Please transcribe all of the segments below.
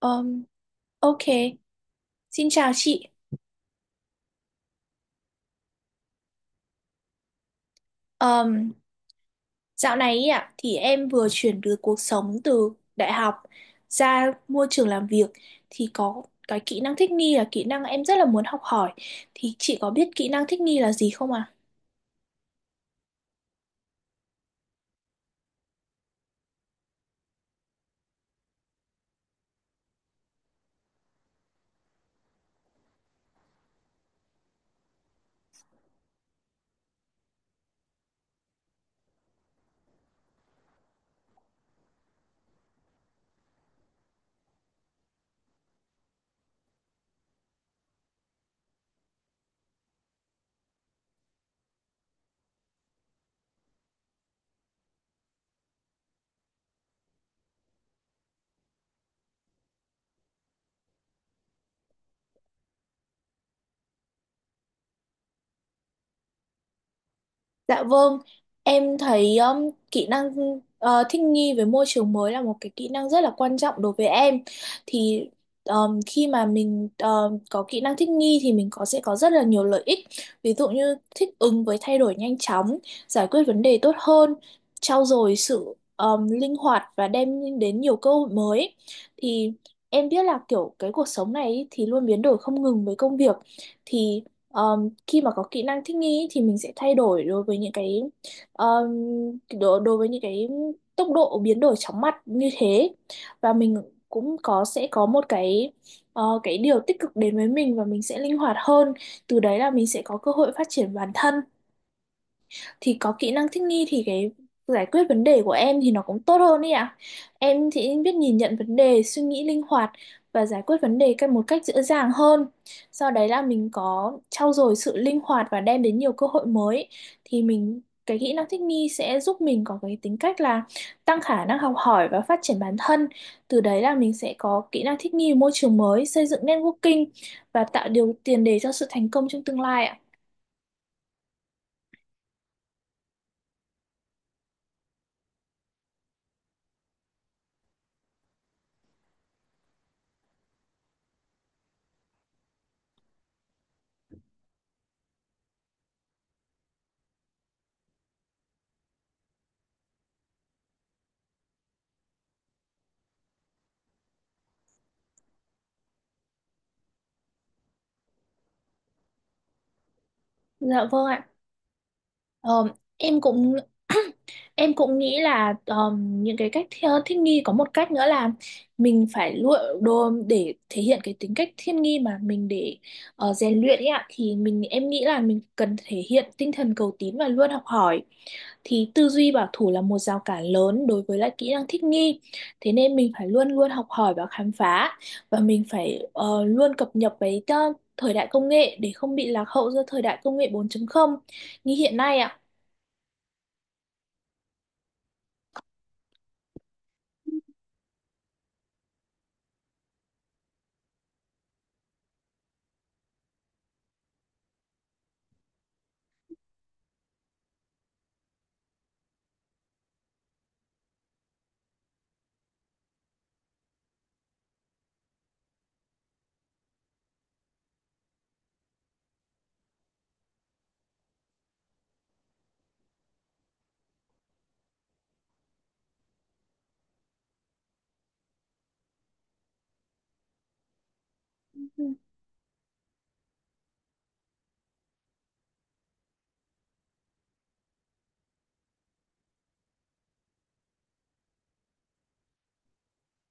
Um, ok, Xin chào chị. Um, Dạo này ý ạ thì em vừa chuyển được cuộc sống từ đại học ra môi trường làm việc thì có cái kỹ năng thích nghi là kỹ năng em rất là muốn học hỏi. Thì chị có biết kỹ năng thích nghi là gì không ạ? Dạ vâng, em thấy kỹ năng thích nghi với môi trường mới là một cái kỹ năng rất là quan trọng đối với em. Thì khi mà mình có kỹ năng thích nghi thì mình có sẽ có rất là nhiều lợi ích. Ví dụ như thích ứng với thay đổi nhanh chóng, giải quyết vấn đề tốt hơn, trau dồi sự linh hoạt và đem đến nhiều cơ hội mới. Thì em biết là kiểu cái cuộc sống này ý thì luôn biến đổi không ngừng với công việc. Thì ờ, khi mà có kỹ năng thích nghi thì mình sẽ thay đổi đối với những cái um, đối với những cái tốc độ biến đổi chóng mặt như thế và mình cũng có sẽ có một cái cái điều tích cực đến với mình và mình sẽ linh hoạt hơn, từ đấy là mình sẽ có cơ hội phát triển bản thân. Thì có kỹ năng thích nghi thì cái giải quyết vấn đề của em thì nó cũng tốt hơn ý ạ. Em thì biết nhìn nhận vấn đề, suy nghĩ linh hoạt và giải quyết vấn đề cách một cách dễ dàng hơn. Sau đấy là mình có trau dồi sự linh hoạt và đem đến nhiều cơ hội mới thì mình cái kỹ năng thích nghi sẽ giúp mình có cái tính cách là tăng khả năng học hỏi và phát triển bản thân. Từ đấy là mình sẽ có kỹ năng thích nghi với môi trường mới, xây dựng networking và tạo điều tiền đề cho sự thành công trong tương lai ạ. Dạ vâng ạ. Ờ, em cũng em cũng nghĩ là những cái cách thích nghi có một cách nữa là mình phải lựa đồ để thể hiện cái tính cách thiên nghi mà mình, để rèn luyện ấy ạ, thì mình em nghĩ là mình cần thể hiện tinh thần cầu tín và luôn học hỏi. Thì tư duy bảo thủ là một rào cản lớn đối với lại kỹ năng thích nghi, thế nên mình phải luôn luôn học hỏi và khám phá và mình phải luôn cập nhật với thời đại công nghệ để không bị lạc hậu do thời đại công nghệ 4 không như hiện nay ạ. Ừ,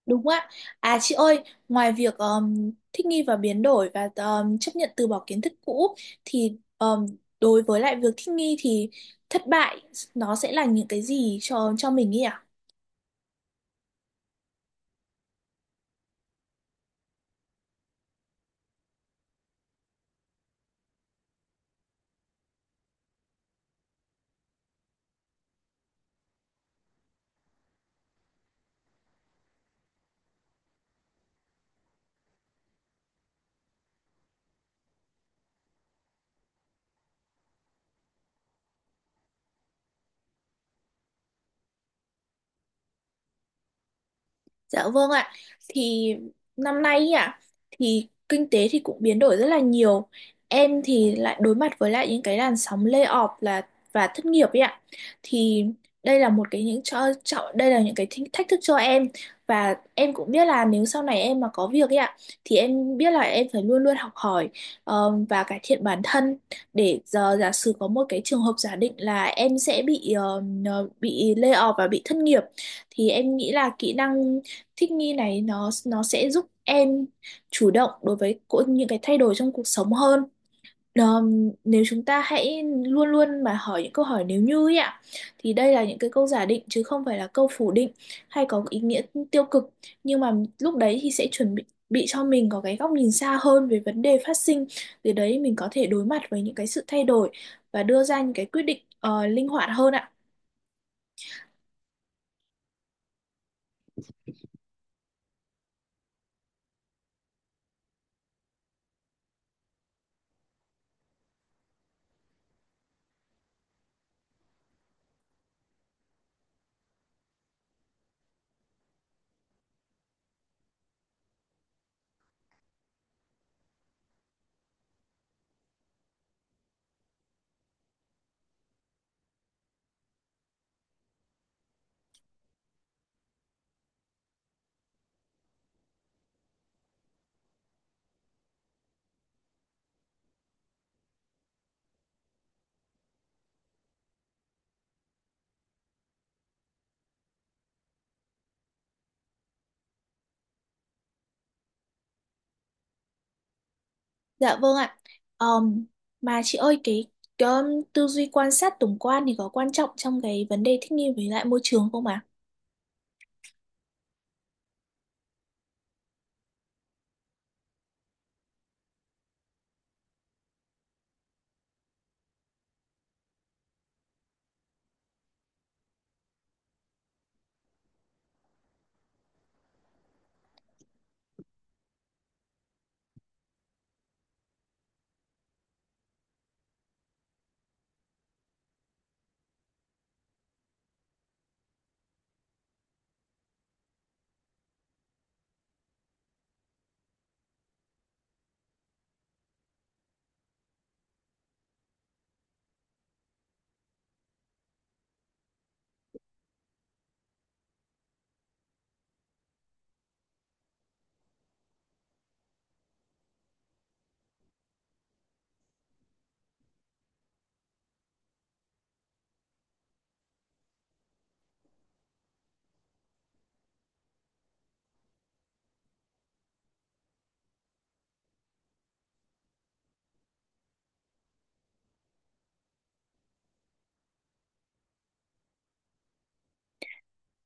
đúng ạ. À chị ơi, ngoài việc thích nghi và biến đổi và chấp nhận từ bỏ kiến thức cũ thì đối với lại việc thích nghi thì thất bại nó sẽ là những cái gì cho mình nhỉ? Dạ vâng ạ. Thì năm nay ý ạ thì kinh tế thì cũng biến đổi rất là nhiều. Em thì lại đối mặt với lại những cái làn sóng layoff là và thất nghiệp ấy ạ. Thì đây là một cái cho đây là những cái thách thách thức cho em và em cũng biết là nếu sau này em mà có việc ấy ạ thì em biết là em phải luôn luôn học hỏi và cải thiện bản thân, để giờ giả sử có một cái trường hợp giả định là em sẽ bị bị layoff và bị thất nghiệp thì em nghĩ là kỹ năng thích nghi này nó sẽ giúp em chủ động đối với những cái thay đổi trong cuộc sống hơn. Nếu chúng ta hãy luôn luôn mà hỏi những câu hỏi nếu như ấy ạ, thì đây là những cái câu giả định chứ không phải là câu phủ định hay có ý nghĩa tiêu cực, nhưng mà lúc đấy thì sẽ chuẩn bị cho mình có cái góc nhìn xa hơn về vấn đề phát sinh, từ đấy mình có thể đối mặt với những cái sự thay đổi và đưa ra những cái quyết định linh hoạt hơn ạ. Dạ vâng ạ. Ờm, mà chị ơi cái tư duy quan sát tổng quan thì có quan trọng trong cái vấn đề thích nghi với lại môi trường không ạ?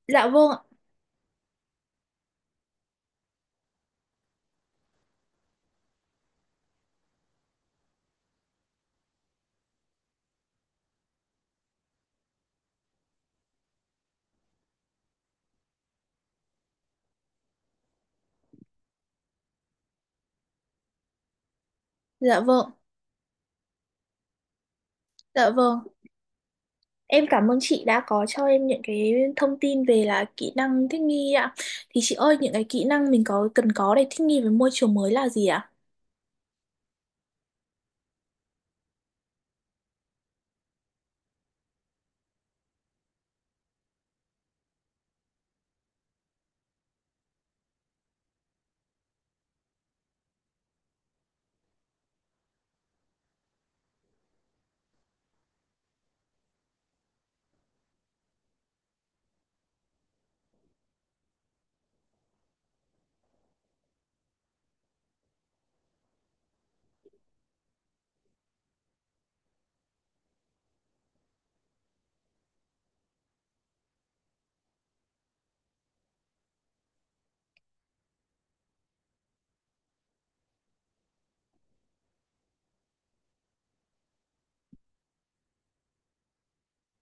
Dạ vâng ạ. Dạ vâng. Dạ vâng. Em cảm ơn chị đã có cho em những cái thông tin về là kỹ năng thích nghi ạ. Thì chị ơi, những cái kỹ năng mình có cần có để thích nghi với môi trường mới là gì ạ?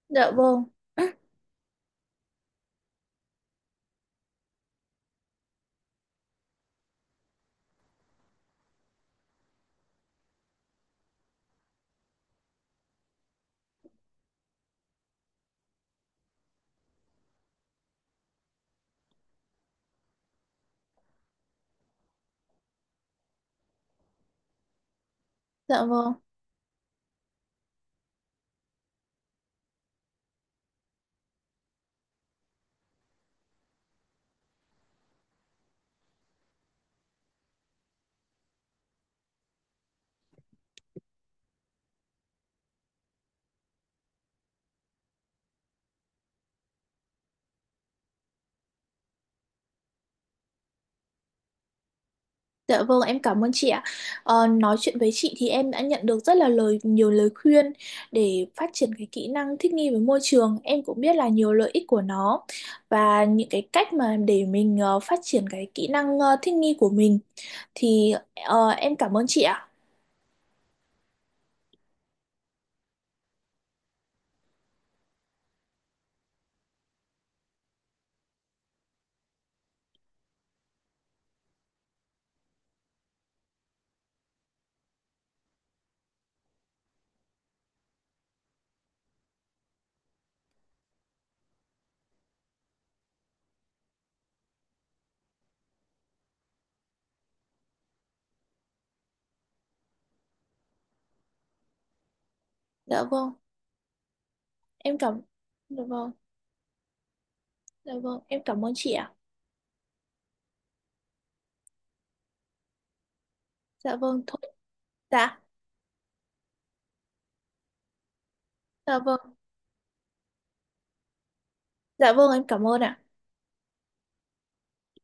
Dạ vâng. Dạ vâng. Dạ vâng, em cảm ơn chị ạ. Ờ, nói chuyện với chị thì em đã nhận được rất là nhiều lời khuyên để phát triển cái kỹ năng thích nghi với môi trường. Em cũng biết là nhiều lợi ích của nó và những cái cách mà để mình phát triển cái kỹ năng thích nghi của mình thì em cảm ơn chị ạ. Dạ vâng, em cảm Dạ vâng, dạ vâng, em cảm ơn chị ạ. Dạ vâng, thôi. Dạ, dạ vâng. Dạ vâng, em cảm ơn ạ.